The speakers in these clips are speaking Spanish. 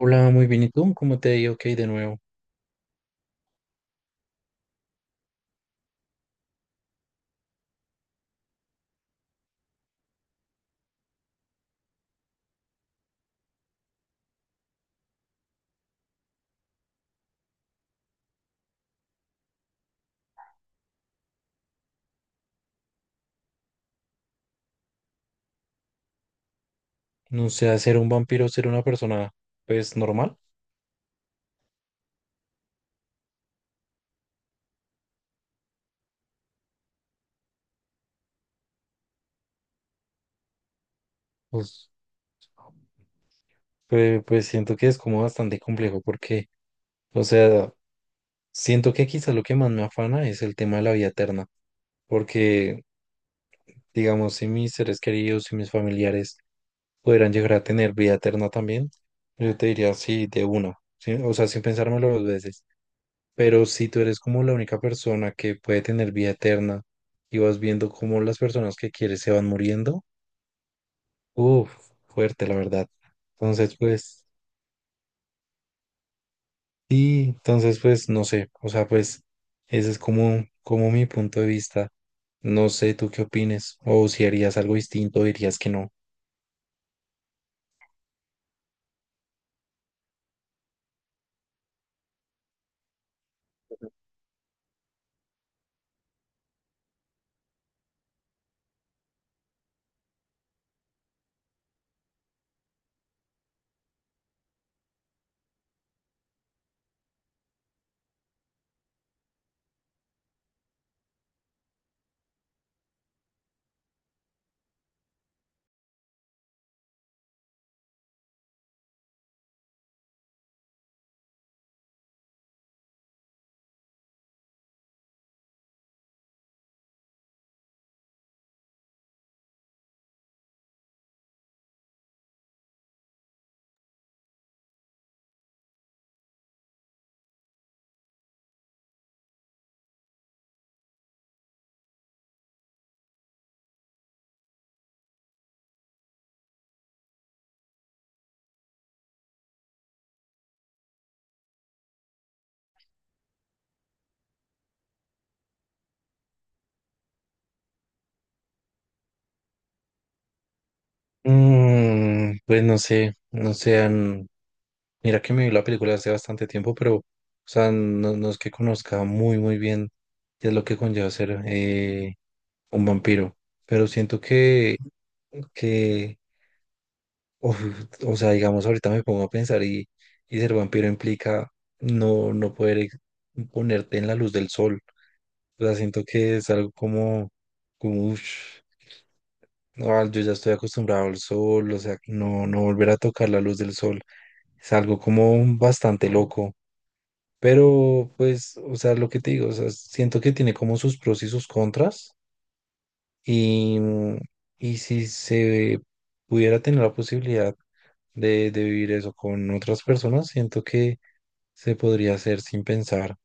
Hola, muy bien. ¿Y tú? ¿Cómo te ha ido? Ok, de nuevo. No sé, ser un vampiro, ser una persona, pues, normal. Pues, pues, siento que es como bastante complejo porque, o sea, siento que quizás lo que más me afana es el tema de la vida eterna. Porque, digamos, si mis seres queridos y mis familiares pudieran llegar a tener vida eterna también, yo te diría sí, de una. ¿Sí? O sea, sin pensármelo dos veces. Pero si tú eres como la única persona que puede tener vida eterna y vas viendo cómo las personas que quieres se van muriendo, uf, fuerte, la verdad. Entonces, pues, sí, entonces, pues, no sé, o sea, pues, ese es como mi punto de vista. No sé, ¿tú qué opines? O si harías algo distinto, o dirías que no. Pues no sé, mira que me vi la película hace bastante tiempo, pero, o sea, no, no es que conozca muy, muy bien qué es lo que conlleva ser un vampiro, pero siento que uf, o sea, digamos, ahorita me pongo a pensar y ser vampiro implica no poder ponerte en la luz del sol. O sea, siento que es algo como "Ush, no, yo ya estoy acostumbrado al sol, o sea, no volver a tocar la luz del sol." Es algo como bastante loco. Pero, pues, o sea, lo que te digo, o sea, siento que tiene como sus pros y sus contras. Y, mm, y si se pudiera tener la posibilidad de vivir eso con otras personas, siento que se podría hacer sin pensar.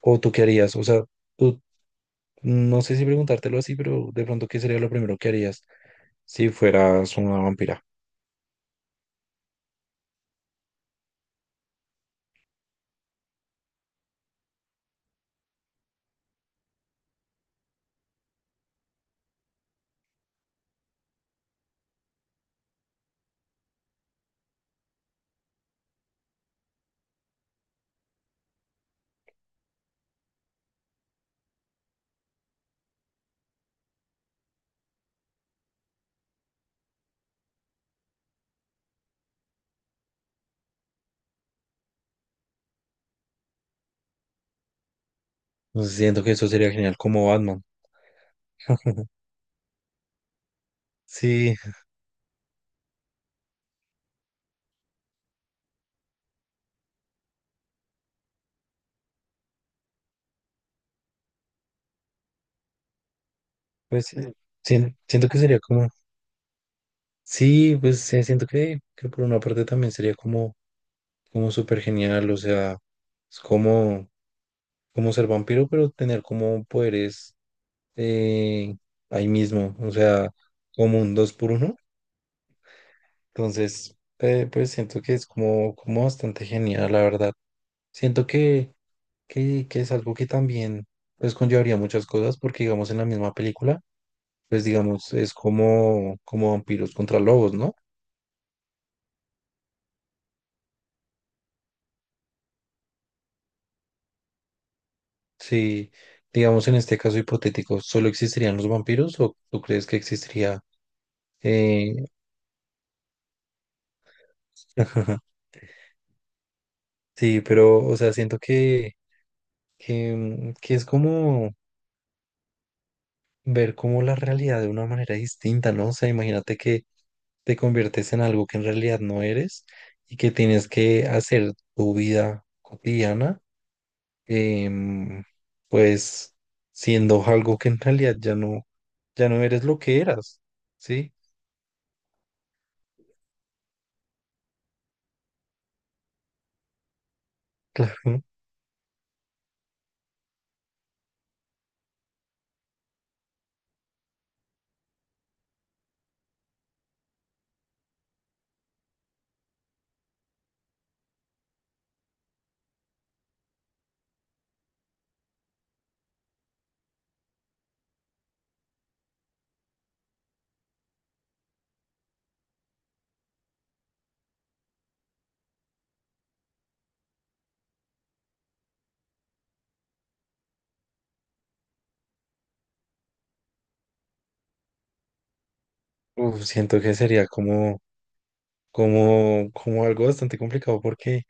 ¿O tú qué harías? O sea, tú, no sé si preguntártelo así, pero de pronto, ¿qué sería lo primero que harías si fueras una vampira? Siento que eso sería genial, como Batman. Sí, pues sí, siento que sería como, sí, pues sí, siento que por una parte también sería como súper genial, o sea, es como ser vampiro, pero tener como poderes eh, ahí mismo, o sea, como un dos por uno. Entonces, pues siento que es como bastante genial, la verdad. Siento que es algo que también pues conllevaría muchas cosas, porque digamos en la misma película, pues digamos, es como vampiros contra lobos, ¿no? Si, digamos en este caso hipotético, ¿solo existirían los vampiros o tú crees que existiría... eh, Sí, pero, o sea, siento que es como ver como la realidad de una manera distinta, ¿no? O sea, imagínate que te conviertes en algo que en realidad no eres y que tienes que hacer tu vida cotidiana, em, pues siendo algo que en realidad ya no eres lo que eras, ¿sí? Claro. Uf, siento que sería como algo bastante complicado porque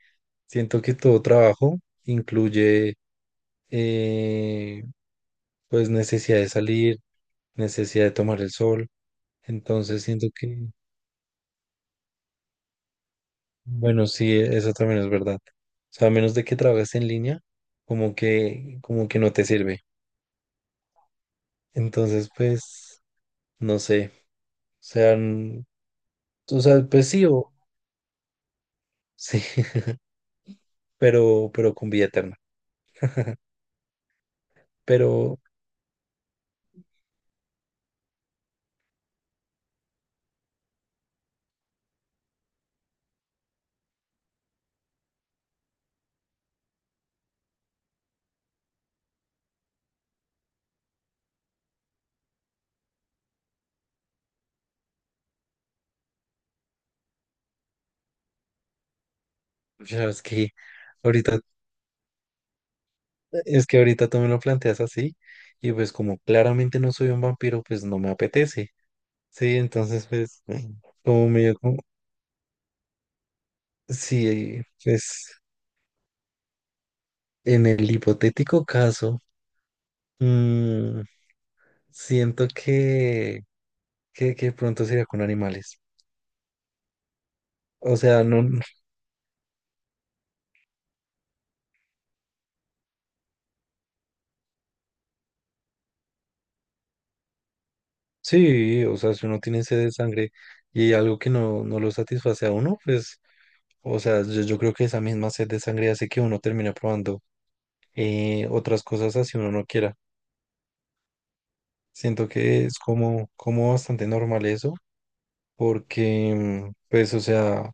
siento que todo trabajo incluye eh, pues necesidad de salir, necesidad de tomar el sol. Entonces siento que, bueno, sí, eso también es verdad. O sea, a menos de que trabajes en línea, como que no te sirve. Entonces, pues, no sé. O sea, o sea, pues sí, sí, pero con vida eterna. Pero, pues, ahorita, es que ahorita tú me lo planteas así, y pues como claramente no soy un vampiro, pues no me apetece. Sí, entonces, pues, como medio como, sí, pues. En el hipotético caso, mm, siento que pronto sería con animales. O sea, no, sí, o sea, si uno tiene sed de sangre y hay algo que no lo satisface a uno, pues, o sea, yo creo que esa misma sed de sangre hace que uno termine probando otras cosas así uno no quiera. Siento que es como bastante normal eso, porque, pues, o sea,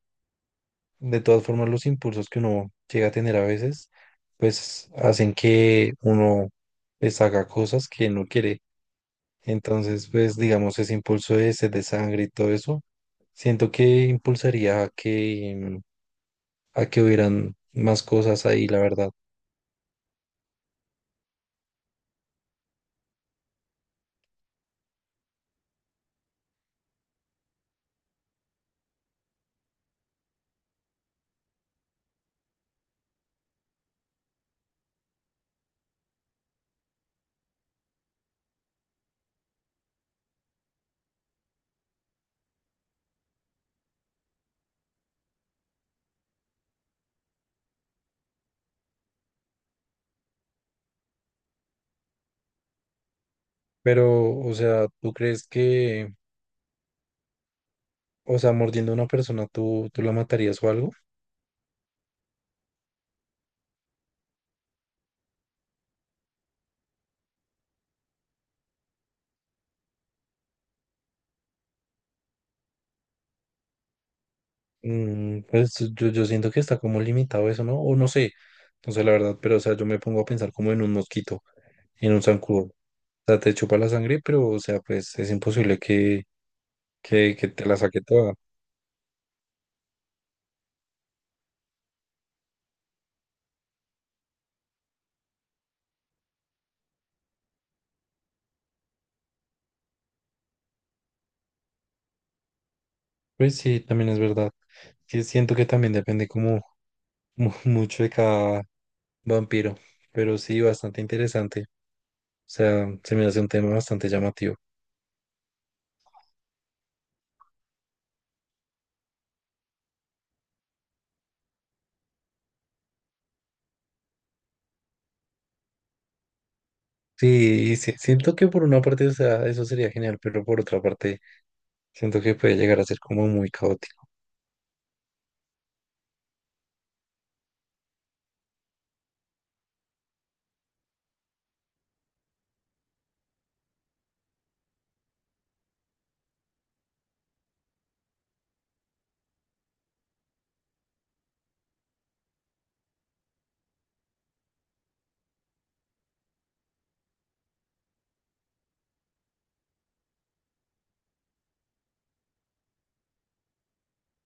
de todas formas, los impulsos que uno llega a tener a veces, pues hacen que uno pues haga cosas que no quiere. Entonces, pues digamos, ese impulso de sed de sangre y todo eso, siento que impulsaría a que hubieran más cosas ahí, la verdad. Pero, o sea, ¿tú crees que, o sea, mordiendo a una persona, tú la matarías o algo? Pues yo siento que está como limitado eso, ¿no? O no sé la verdad, pero, o sea, yo me pongo a pensar como en un mosquito. En un zancudo. O sea, te chupa la sangre, pero, o sea, pues es imposible que te la saque toda. Pues sí, también es verdad. Sí, siento que también depende como mucho de cada vampiro, pero sí, bastante interesante. O sea, se me hace un tema bastante llamativo. Sí, y sí, siento que por una parte, o sea, eso sería genial, pero por otra parte, siento que puede llegar a ser como muy caótico.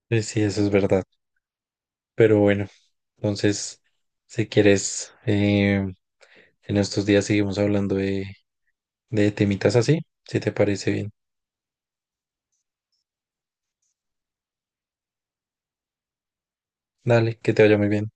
Pues sí, eso es verdad. Pero bueno, entonces, si quieres, en estos días seguimos hablando de temitas así, si te parece bien. Dale, que te vaya muy bien.